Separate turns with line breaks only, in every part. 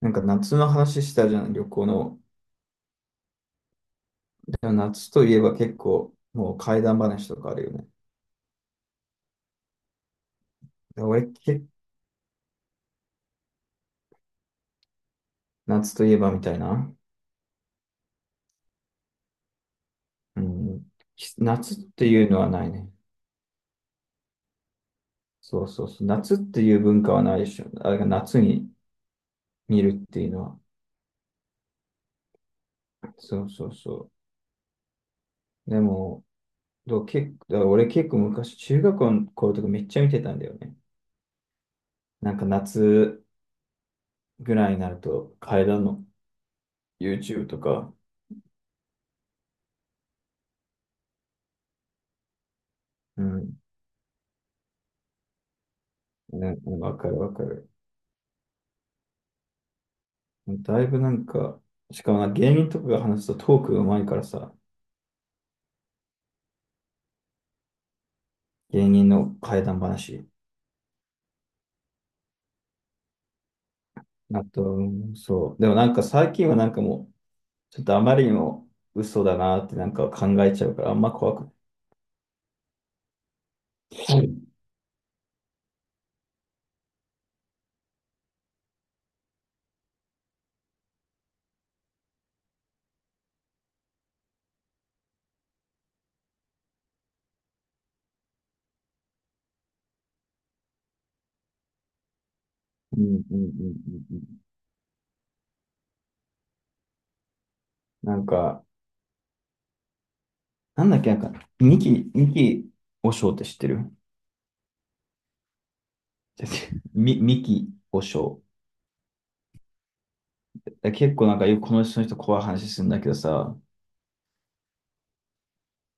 なんか夏の話したじゃん、旅行の。でも夏といえば結構、もう怪談話とかあるよね。で俺、夏といえばみたいな。うん。夏っていうのはないね。そうそうそう。夏っていう文化はないでしょ。あれが夏に見るっていうのは。そうそうそう。でも、結構、だから俺結構昔、中学校の頃とかめっちゃ見てたんだよね。なんか夏ぐらいになると、階段の YouTube とか、うん。ね、わかるわかる。だいぶなんか、しかもな芸人とかが話すとトークが上手いからさ、芸人の怪談話。あと、うんそう。でもなんか最近はなんかもう、ちょっとあまりにも嘘だなってなんか考えちゃうから、あんま怖くない。うんうんうんうんうん。なんか、なんだっけ、なんか、ミキ和尚って知ってる？違う違う ミキ和尚。結構なんかよくこの人怖い話するんだけどさ、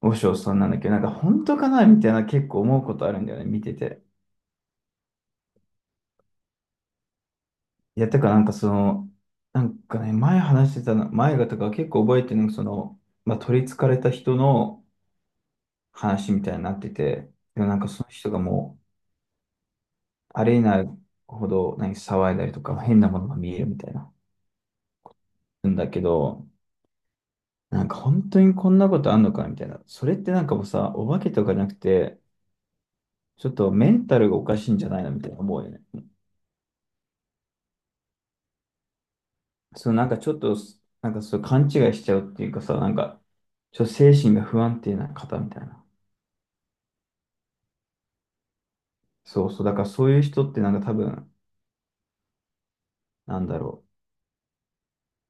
和尚さんなんだっけど、なんか本当かなみたいな結構思うことあるんだよね、見てて。いや、てかなんかその、なんかね、前話してたの、前がとか結構覚えてるのが、その、まあ、取り憑かれた人の話みたいになってて、でもなんかその人がもう、あれになるほど、何、騒いだりとか、変なものが見えるみたいな。んだけど、なんか本当にこんなことあんのかみたいな。それってなんかもうさ、お化けとかじゃなくて、ちょっとメンタルがおかしいんじゃないのみたいな思うよね。そのなんかちょっと、なんかそう勘違いしちゃうっていうかさ、なんか、ちょっと精神が不安定な方みたいな。そうそう、だからそういう人ってなんか多分、なんだろ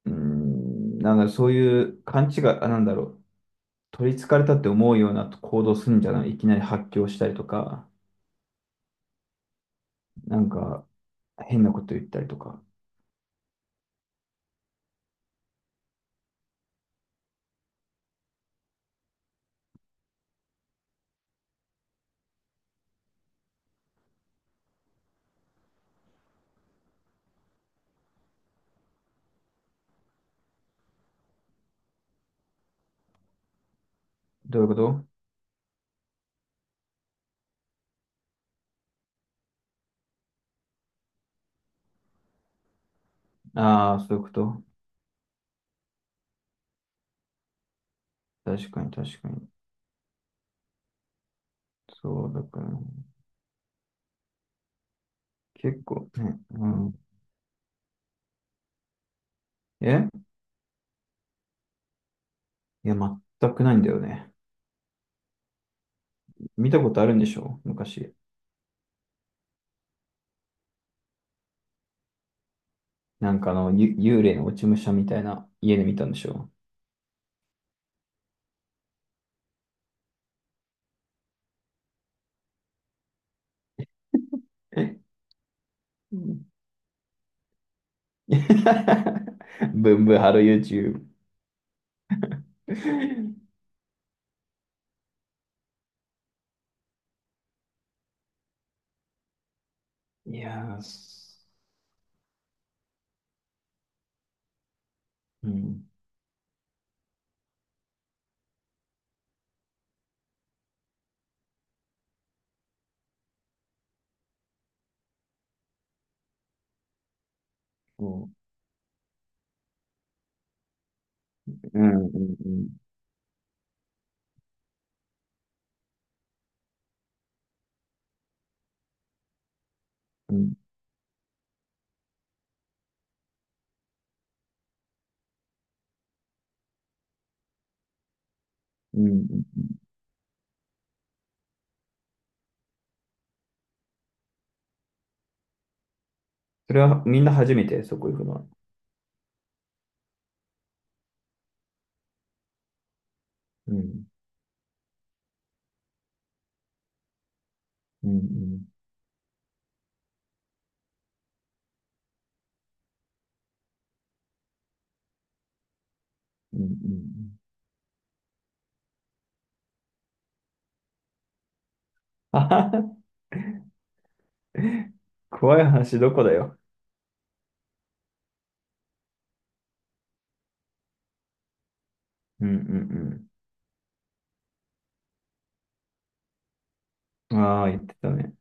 う、うーん、なんかそういう勘違い、あ、なんだろう、取り憑かれたって思うような行動するんじゃない、いきなり発狂したりとか、なんか変なこと言ったりとか。どういうこと？ああー、そういうこと。確かに確かに。そう、だからね、結構ね、うん。え、いや、全くないんだよね。見たことあるんでしょ昔。なんかあの、幽霊の落ち武者みたいな家で見たんでしょ？え？ ブンブンハロー YouTube。いやー、うん、そう、うん、うん、うん、うん、うん。うん、それはみんな初めて、そこ行くのは？うん、うん、うん、うん、うん。うん、あはは、怖い話どこだよ。うん、うん、うん。ああ、言ってたね。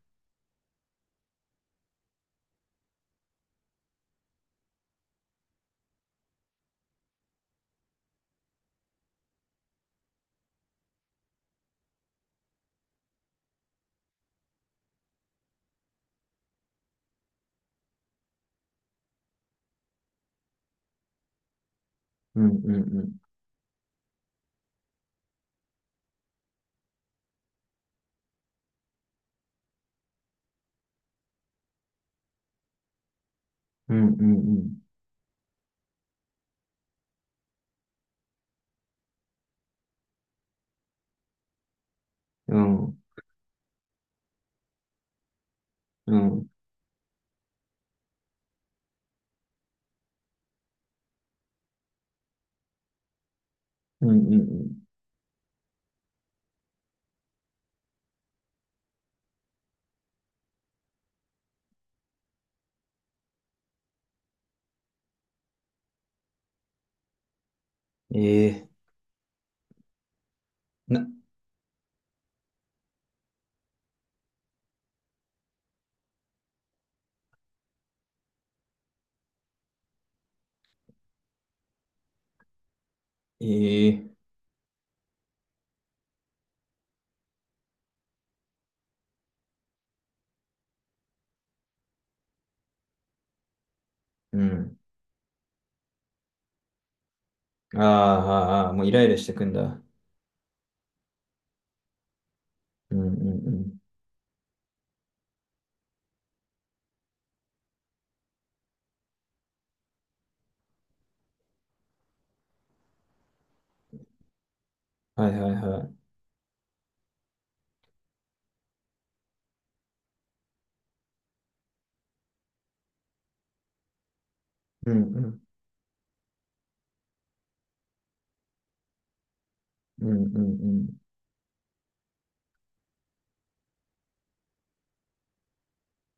うん、うん、うん、うん、うん、うん、うん、うん、うん。うん、ええ、な、ええ、うん。あーあー、あー、もうイライラしてくんだ。うん、うん、うん。はいはいはい。うんうん。うんうんうん。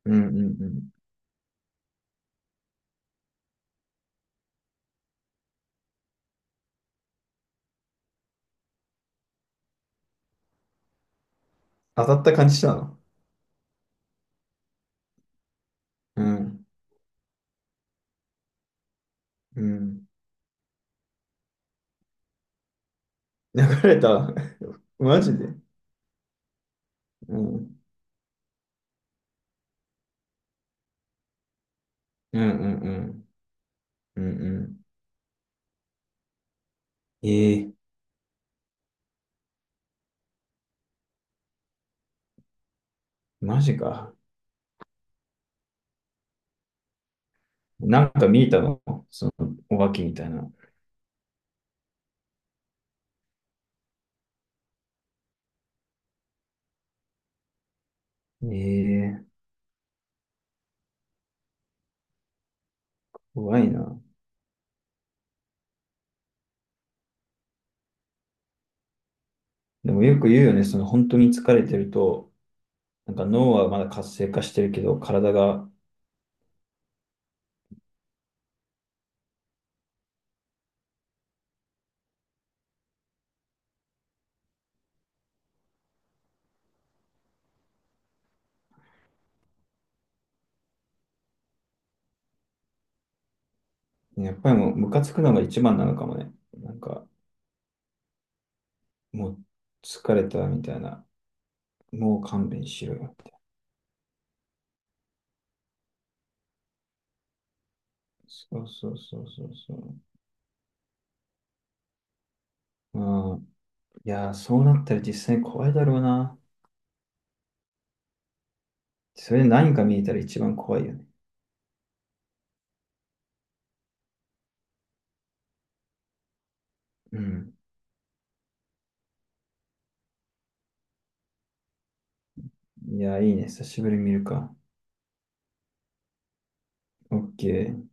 うんうんうん。当たった感じしたの？うん。うん。流れた。マジで。うん。うんうんうん。うんうん。ええ、マジか。なんか見えたの？その、お化けみたいな。ええ、怖いな。でもよく言うよね、その本当に疲れてると、なんか脳はまだ活性化してるけど、体が、やっぱりもうムカつくのが一番なのかもね。なんか、もう疲れたみたいな。もう勘弁しろよ。そうそうそうそうそう。うん。いやー、そうなったら実際怖いだろうな。それで何か見えたら一番怖いよね。うん。いやー、いいね。久しぶりに見るか？OK。